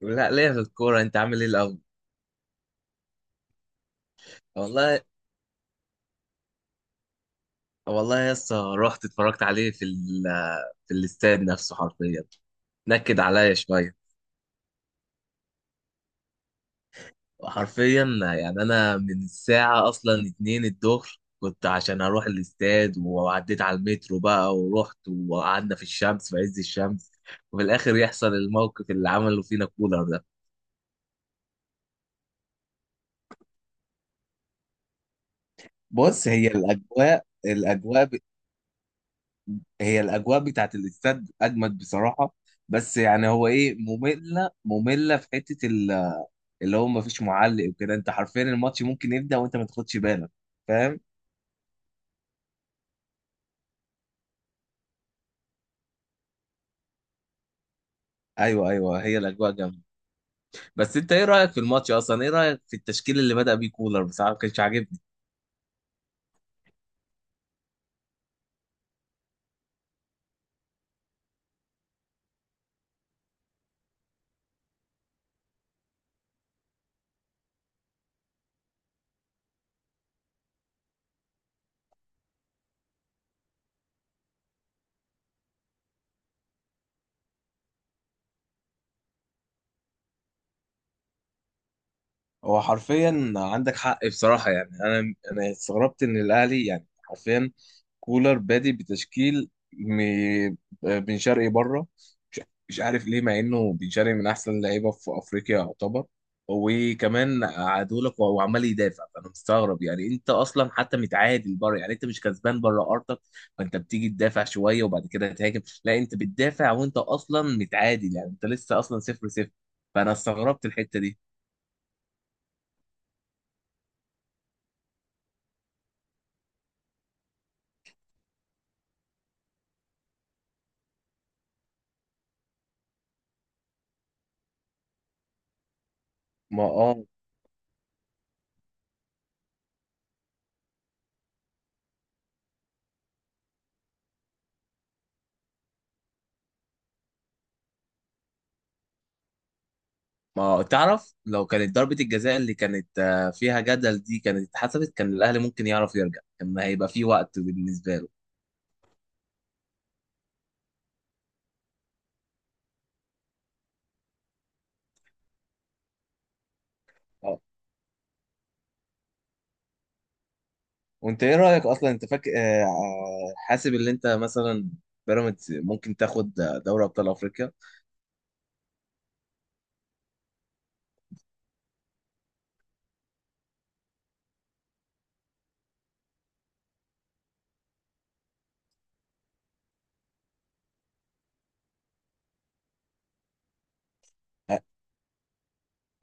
لا، ليا في الكورة. انت عامل ايه الاول؟ والله والله يا اسطى رحت اتفرجت عليه في الاستاد نفسه حرفيا. نكد عليا شوية. حرفيا يعني انا من الساعة اصلا اتنين الظهر كنت عشان اروح الاستاد، وعديت على المترو بقى ورحت وقعدنا في الشمس في عز الشمس. وفي الاخر يحصل الموقف اللي عمله فينا كولر ده. بص، هي الاجواء بتاعت الاستاد اجمد بصراحه. بس يعني هو ايه، ممله في حته اللي هو ما فيش معلق وكده، انت حرفيا الماتش ممكن يبدا وانت ما تاخدش بالك، فاهم؟ ايوه ايوه، هي الاجواء جامده. بس انت ايه رايك في الماتش اصلا؟ ايه رايك في التشكيل اللي بدا بيه كولر؟ بصراحه ما كانش عاجبني. هو حرفيا عندك حق بصراحة، يعني أنا استغربت إن الأهلي يعني حرفيا كولر بادي بتشكيل بن شرقي بره. مش مش عارف ليه، مع إنه بن شرقي من أحسن اللعيبة في أفريقيا يعتبر. وكمان قعدوا لك وهو عمال يدافع، فأنا مستغرب. يعني أنت أصلا حتى متعادل بره، يعني أنت مش كسبان بره أرضك، فأنت بتيجي تدافع شوية وبعد كده تهاجم؟ لا، أنت بتدافع وأنت أصلا متعادل، يعني أنت لسه أصلا صفر صفر. فأنا استغربت الحتة دي. ما اه ما تعرف لو كانت ضربة الجزاء اللي كانت فيها جدل دي كانت اتحسبت، كان الأهلي ممكن يعرف يرجع، كان هيبقى في وقت بالنسبة له. اه. وانت ايه رأيك اصلا؟ انت فاكر حاسب اللي انت مثلا بيراميدز ممكن تاخد دوري ابطال افريقيا؟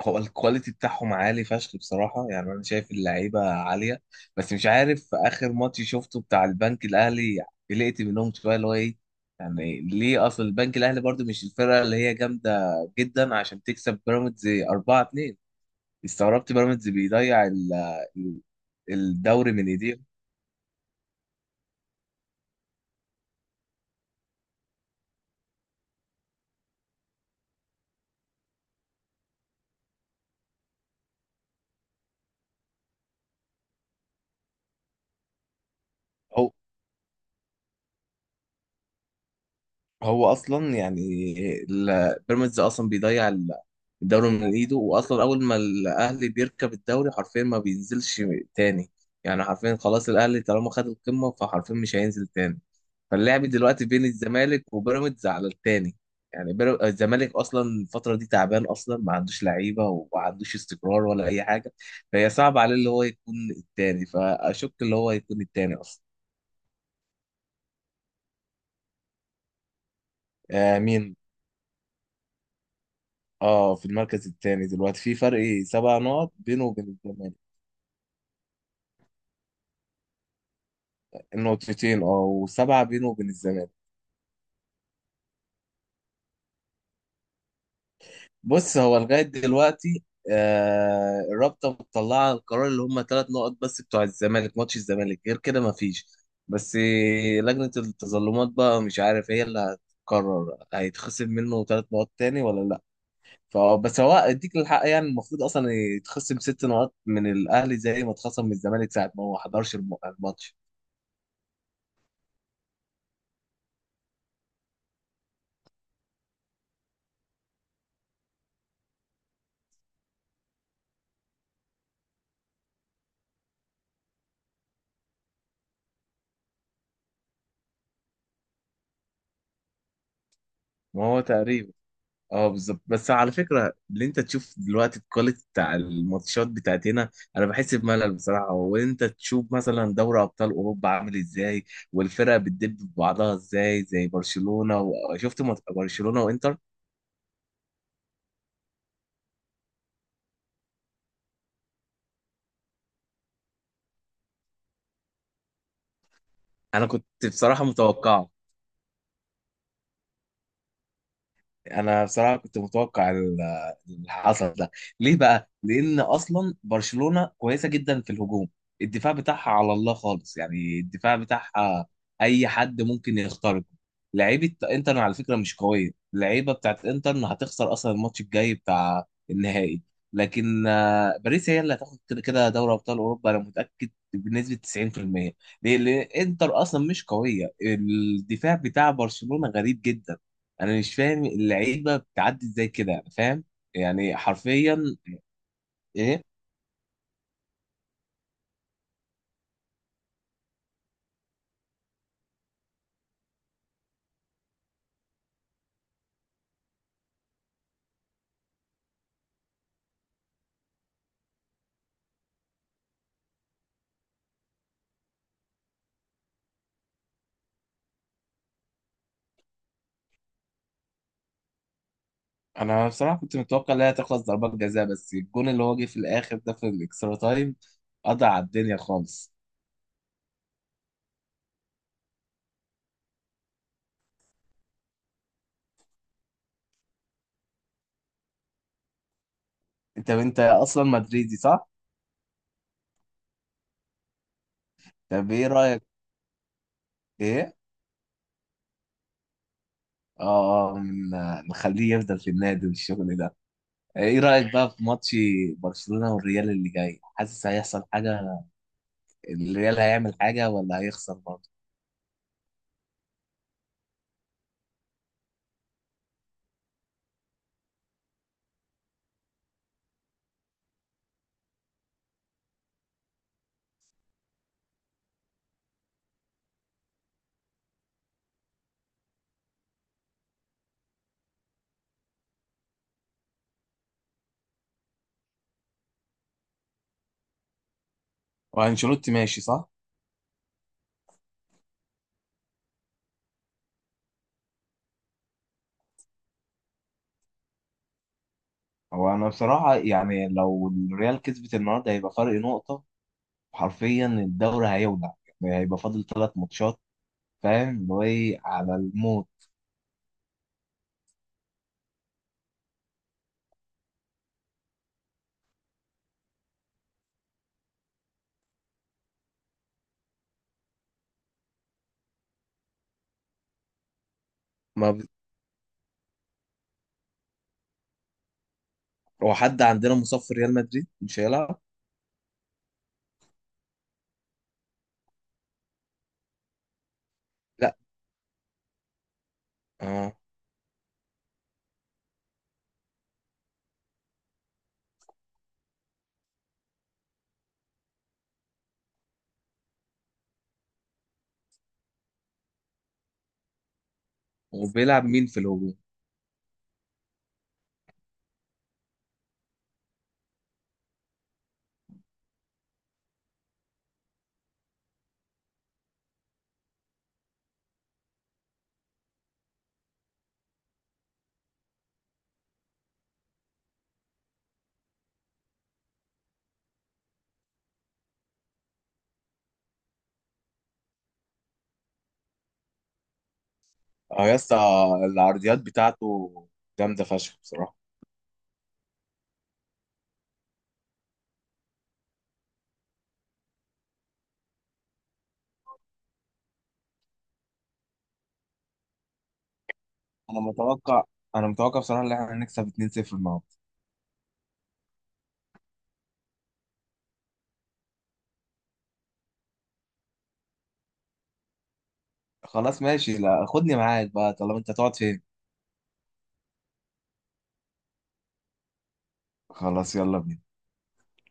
هو الكواليتي بتاعهم عالي فشخ بصراحة، يعني أنا شايف اللعيبة عالية. بس مش عارف، في آخر ماتش شفته بتاع البنك الأهلي قلقت منهم شوية. اللي هو إيه يعني، ليه؟ أصل البنك الأهلي برضو مش الفرقة اللي هي جامدة جدا عشان تكسب بيراميدز 4-2. استغربت بيراميدز بيضيع ال- الدوري من إيديهم. هو اصلا يعني بيراميدز اصلا بيضيع الدوري من ايده. واصلا اول ما الاهلي بيركب الدوري حرفيا ما بينزلش تاني. يعني حرفيا خلاص الاهلي طالما خد القمه فحرفيا مش هينزل تاني. فاللعب دلوقتي بين الزمالك وبيراميدز على التاني. يعني الزمالك اصلا الفتره دي تعبان، اصلا ما عندوش لعيبه وما عندوش استقرار ولا اي حاجه، فهي صعب عليه اللي هو يكون التاني، فاشك اللي هو يكون التاني اصلا. آه، مين؟ اه، في المركز الثاني دلوقتي، في فرق 7 نقط بينه وبين الزمالك. نقطتين، اه، و7 بينه وبين الزمالك. بص هو لغاية دلوقتي آه الرابطة مطلعة القرار اللي هم 3 نقط بس، بتوع الزمالك، ماتش الزمالك، غير كده ما فيش. بس لجنة التظلمات بقى مش عارف، هي اللي هتقرر هيتخصم منه 3 نقط تاني ولا لا. فبس هو اديك الحق، يعني المفروض اصلا يتخصم 6 نقط من الاهلي زي ما اتخصم من الزمالك ساعة ما هو ما حضرش الماتش. ما هو تقريبا اه بالظبط. بس على فكره، اللي انت تشوف دلوقتي الكواليتي بتاع الماتشات بتاعت هنا انا بحس بملل بصراحه. وانت تشوف مثلا دوري ابطال اوروبا عامل ازاي، والفرق بتدب في بعضها ازاي زي برشلونه. وشفت برشلونه وانتر. انا كنت بصراحه متوقعه. انا بصراحه كنت متوقع اللي حصل ده. ليه بقى؟ لان اصلا برشلونه كويسه جدا في الهجوم، الدفاع بتاعها على الله خالص. يعني الدفاع بتاعها اي حد ممكن يخترقه. لعيبه انتر على فكره مش قويه، اللعيبه بتاعت انتر هتخسر اصلا الماتش الجاي بتاع النهائي. لكن باريس هي اللي هتاخد كده كده دوري ابطال اوروبا، انا متاكد بنسبه 90%. ليه؟ لان انتر اصلا مش قويه، الدفاع بتاع برشلونه غريب جدا. انا مش فاهم اللعيبه بتعدي ازاي كده، انا فاهم يعني حرفيا. ايه؟ انا بصراحه كنت متوقع انها تخلص ضربات جزاء، بس الجون اللي هو جه في الاخر ده في الاكسترا تايم قضى على الدنيا خالص. انت اصلا مدريدي صح؟ طب ايه رايك؟ ايه؟ اه، آه، من آه، نخليه يفضل في النادي والشغل ده. ايه رايك بقى في ماتش برشلونه والريال اللي جاي؟ حاسس هيحصل حاجه؟ الريال هيعمل حاجه ولا هيخسر برضه؟ وانشيلوتي ماشي صح؟ هو انا بصراحه يعني لو الريال كسبت النهارده هيبقى فرق نقطه، حرفيا الدوري هيولع. يعني هيبقى فاضل 3 ماتشات، فاهم؟ اللي هو ايه، على الموت. ما ب... هو حد عندنا مصاب في ريال مدريد مش هيلعب؟ لا. اه. وبيلعب مين في الهجوم؟ اه يا اسطى، العرضيات بتاعته جامده فشخ بصراحه. انا متوقع انا متوقع بصراحه ان احنا هنكسب 2-0 النهارده. خلاص ماشي. لا خدني معاك بقى، طالما انت، هتقعد فين؟ خلاص يلا بينا.